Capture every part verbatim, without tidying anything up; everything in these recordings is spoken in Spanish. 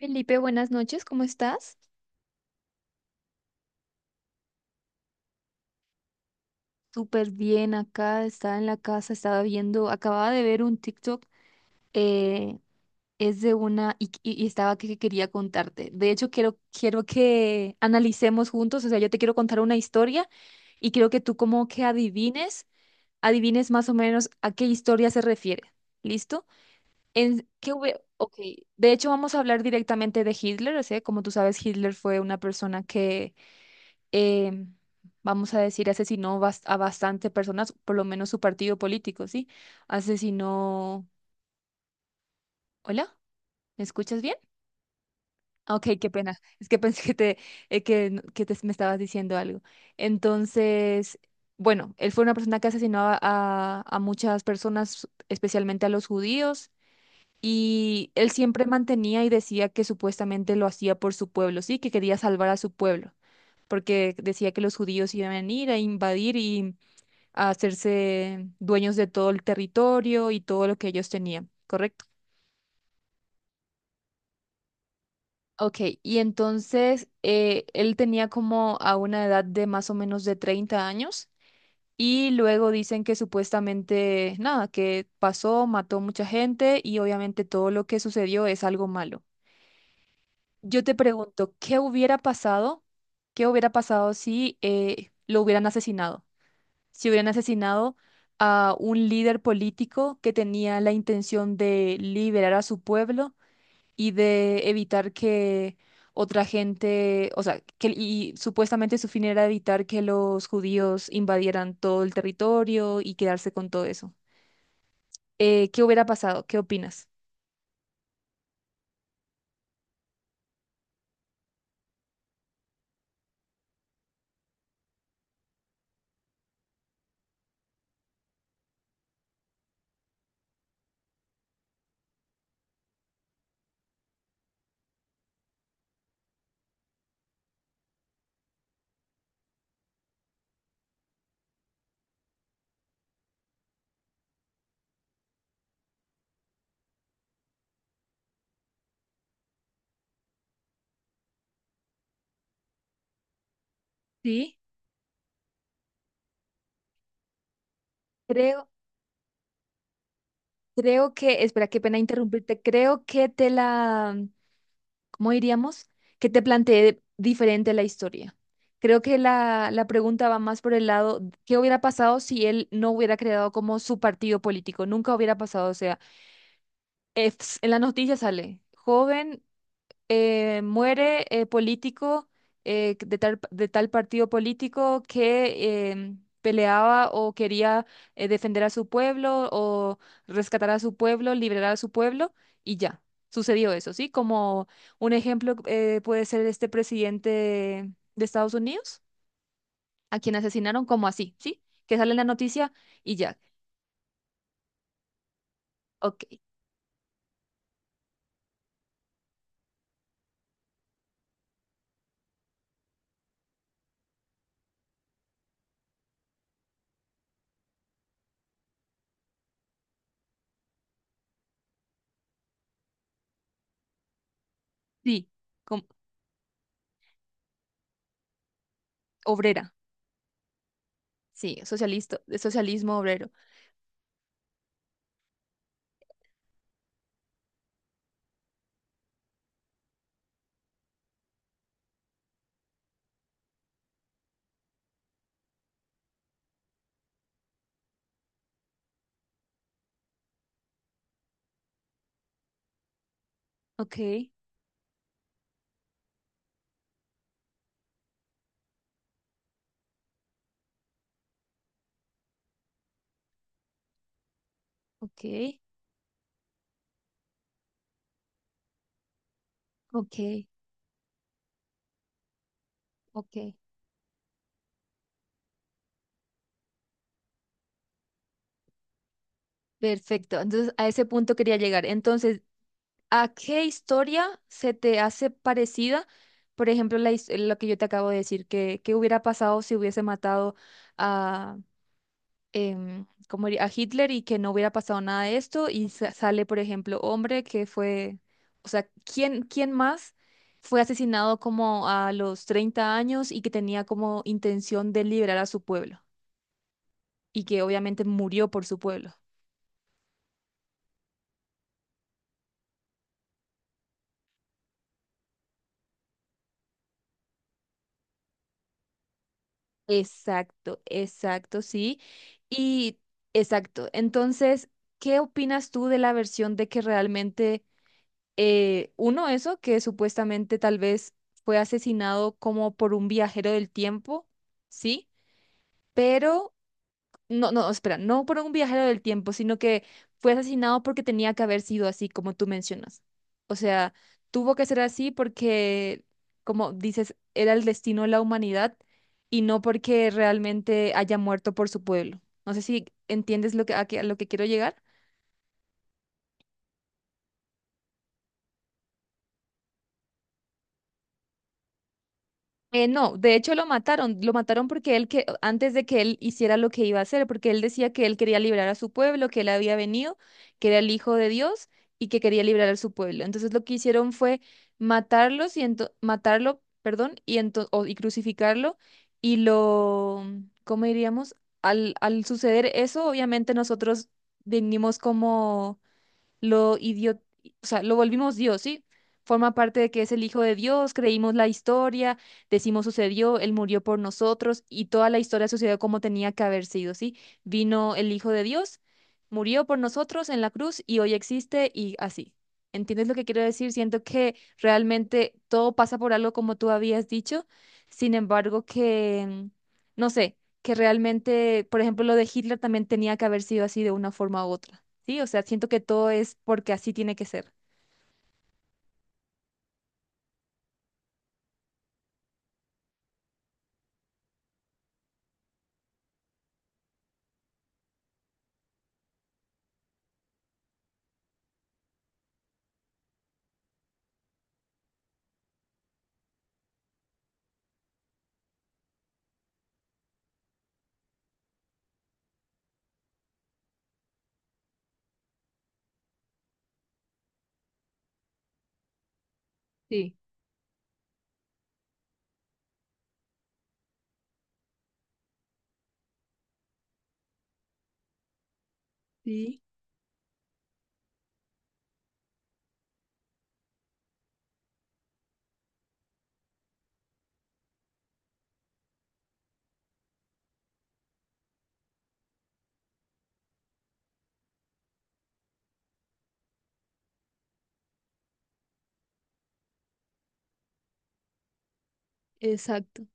Felipe, buenas noches, ¿cómo estás? Súper bien acá, estaba en la casa, estaba viendo, acababa de ver un TikTok, eh, es de una, y, y- y estaba que, que quería contarte. De hecho, quiero, quiero que analicemos juntos, o sea, yo te quiero contar una historia y quiero que tú como que adivines, adivines más o menos a qué historia se refiere. ¿Listo? En, ¿qué hube- Ok, de hecho vamos a hablar directamente de Hitler, o sea, como tú sabes, Hitler fue una persona que eh, vamos a decir, asesinó bas- a bastante personas, por lo menos su partido político, ¿sí? Asesinó... ¿Hola? ¿Me escuchas bien? Ah, ok, qué pena. Es que pensé que te, eh, que, n- que te- me estabas diciendo algo. Entonces, bueno, él fue una persona que asesinó a, a a muchas personas, especialmente a los judíos. Y él siempre mantenía y decía que supuestamente lo hacía por su pueblo, sí, que quería salvar a su pueblo, porque decía que los judíos iban a ir a invadir, a hacerse dueños de todo el territorio y todo lo que ellos tenían, ¿correcto? Ok, y entonces eh, él tenía como a una edad de más o menos de treinta años, y luego dicen que supuestamente, nada, que pasó, mató mucha gente y obviamente todo lo que sucedió es algo malo. Yo te pregunto, ¿qué hubiera pasado? ¿Qué hubiera pasado si eh, lo hubieran asesinado? Si hubieran asesinado a un líder político que tenía la intención de liberar a su pueblo y de evitar que otra gente, o sea, que, y supuestamente su fin era evitar que los judíos invadieran todo el territorio y quedarse con todo eso. Eh, ¿qué hubiera pasado? ¿Qué opinas? Sí. Creo, creo que, espera, qué pena interrumpirte, creo que te la, ¿cómo diríamos? Que te planteé diferente la historia. Creo que la, la pregunta va más por el lado, ¿qué hubiera pasado si él no hubiera creado como su partido político? Nunca hubiera pasado, o sea, es- en la noticia sale, joven, eh, muere, eh, político, eh, de tal, de tal partido político que em, peleaba o quería eh, defender a su pueblo o rescatar a su pueblo, liberar a su pueblo, y ya. Sucedió eso, ¿sí? Como un ejemplo, eh, puede ser este presidente de Estados Unidos, a quien asesinaron como así, ¿sí? Que sale en la noticia y ya. Ok, sí, com- obrera, sí, socialista, de socialismo obrero. Ok, ok, ok. Ok, perfecto. Entonces, a ese punto quería llegar. Entonces, ¿a qué historia se te hace parecida? Por ejemplo, la, his- lo que yo te acabo de decir, que, qué hubiera pasado si hubiese matado a, em, ¿cómo diría? A Hitler y que no hubiera pasado nada de esto y sa- sale, por ejemplo, hombre que fue, o sea, ¿quién, quién más fue asesinado como a los treinta años y que tenía como intención de liberar a su pueblo y que obviamente murió por su pueblo? Exacto, exacto, sí. Y exacto. Entonces, ¿qué opinas tú de la versión de que realmente, eh, uno, eso, que supuestamente tal vez fue asesinado como por un viajero del tiempo, ¿sí? Pero no, no, espera, no por un viajero del tiempo, sino que fue asesinado porque tenía que haber sido así, como tú mencionas. O sea, tuvo que ser así porque, como dices, era el destino de la humanidad y no porque realmente haya muerto por su pueblo. No sé si entiendes lo que, a, qué- a lo que quiero llegar. Eh, no, de hecho lo mataron, lo mataron porque él, que antes de que él hiciera lo que iba a hacer, porque él decía que él quería librar a su pueblo, que él había venido, que era el hijo de Dios y que quería librar a su pueblo. Entonces lo que hicieron fue matarlos y ento- matarlo, perdón, y ento- o- y crucificarlo y lo, ¿cómo diríamos? Al al suceder eso, obviamente nosotros venimos como lo idio- o sea, lo volvimos Dios, ¿sí? Forma parte de que es el Hijo de Dios, creímos la historia, decimos sucedió, Él murió por nosotros y toda la historia sucedió como tenía que haber sido, ¿sí? Vino el Hijo de Dios, murió por nosotros en la cruz y hoy existe y así. ¿Entiendes lo que quiero decir? Siento que realmente todo pasa por algo, como tú habías dicho, sin embargo que, mm, no sé, que realmente, por ejemplo, lo de Hitler también tenía que haber sido así de una forma u otra. Sí, o sea, siento que todo es porque así tiene que ser. Exacto,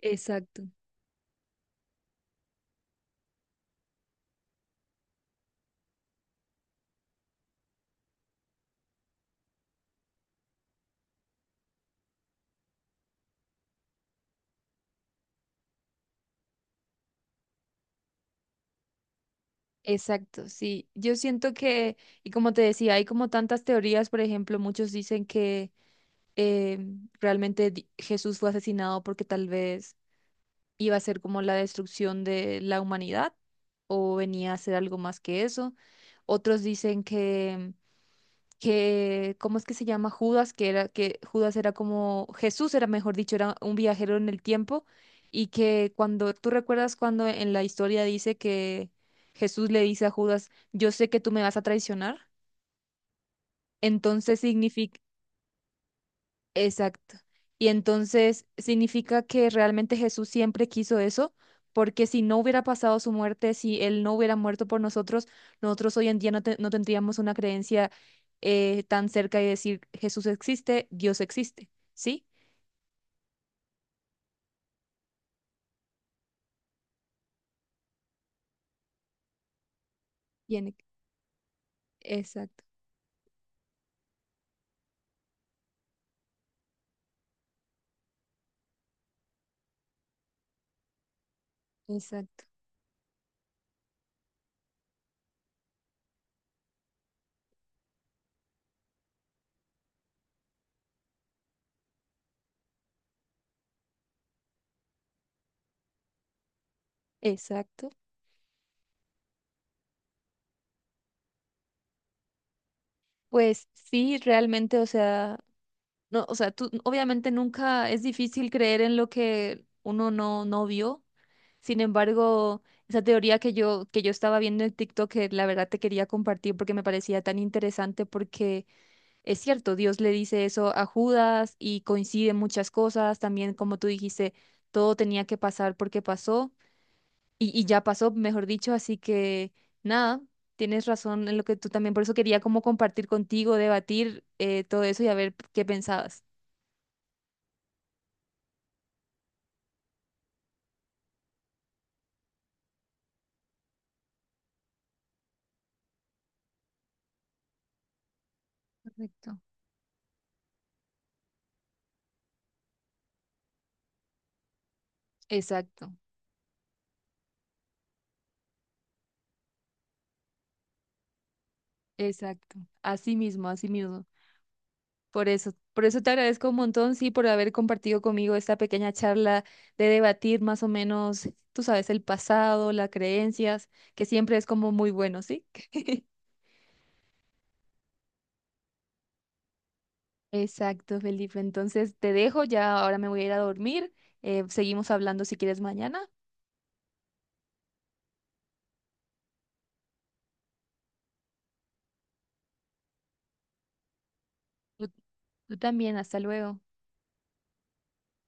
exacto. Exacto, sí. Yo siento que, y como te decía, hay como tantas teorías, por ejemplo, muchos dicen que eh, realmente di- Jesús fue asesinado porque tal vez iba a ser como la destrucción de la humanidad o venía a ser algo más que eso. Otros dicen que que, ¿cómo es que se llama? Judas, que era, que Judas era como, Jesús era, mejor dicho, era un viajero en el tiempo, y que cuando, ¿tú recuerdas cuando en la historia dice que Jesús le dice a Judas, yo sé que tú me vas a traicionar? Entonces significa... Exacto. Y entonces significa que realmente Jesús siempre quiso eso, porque si no hubiera pasado su muerte, si Él no hubiera muerto por nosotros, nosotros hoy en día no, te- no tendríamos una creencia, eh, tan cerca de decir Jesús existe, Dios existe, ¿sí? Y exacto, exacto, exacto. Pues sí, realmente, o sea, no, o sea, tú obviamente nunca es difícil creer en lo que uno no, no vio. Sin embargo, esa teoría que yo, que yo estaba viendo en TikTok, que la verdad te quería compartir porque me parecía tan interesante, porque es cierto, Dios le dice eso a Judas y coinciden muchas cosas, también como tú dijiste, todo tenía que pasar porque pasó y, y ya pasó, mejor dicho, así que nada, tienes razón en lo que tú también, por eso quería como compartir contigo, debatir, eh, todo eso y a ver qué pensabas. Correcto. Exacto, exacto, así mismo, así mismo. Por eso, por eso te agradezco un montón, sí, por haber compartido conmigo esta pequeña charla de debatir más o menos, tú sabes, el pasado, las creencias, que siempre es como muy bueno, ¿sí? Exacto, Felipe. Entonces te dejo, ya ahora me voy a ir a dormir. Eh, seguimos hablando si quieres mañana. tú Tú también, hasta luego.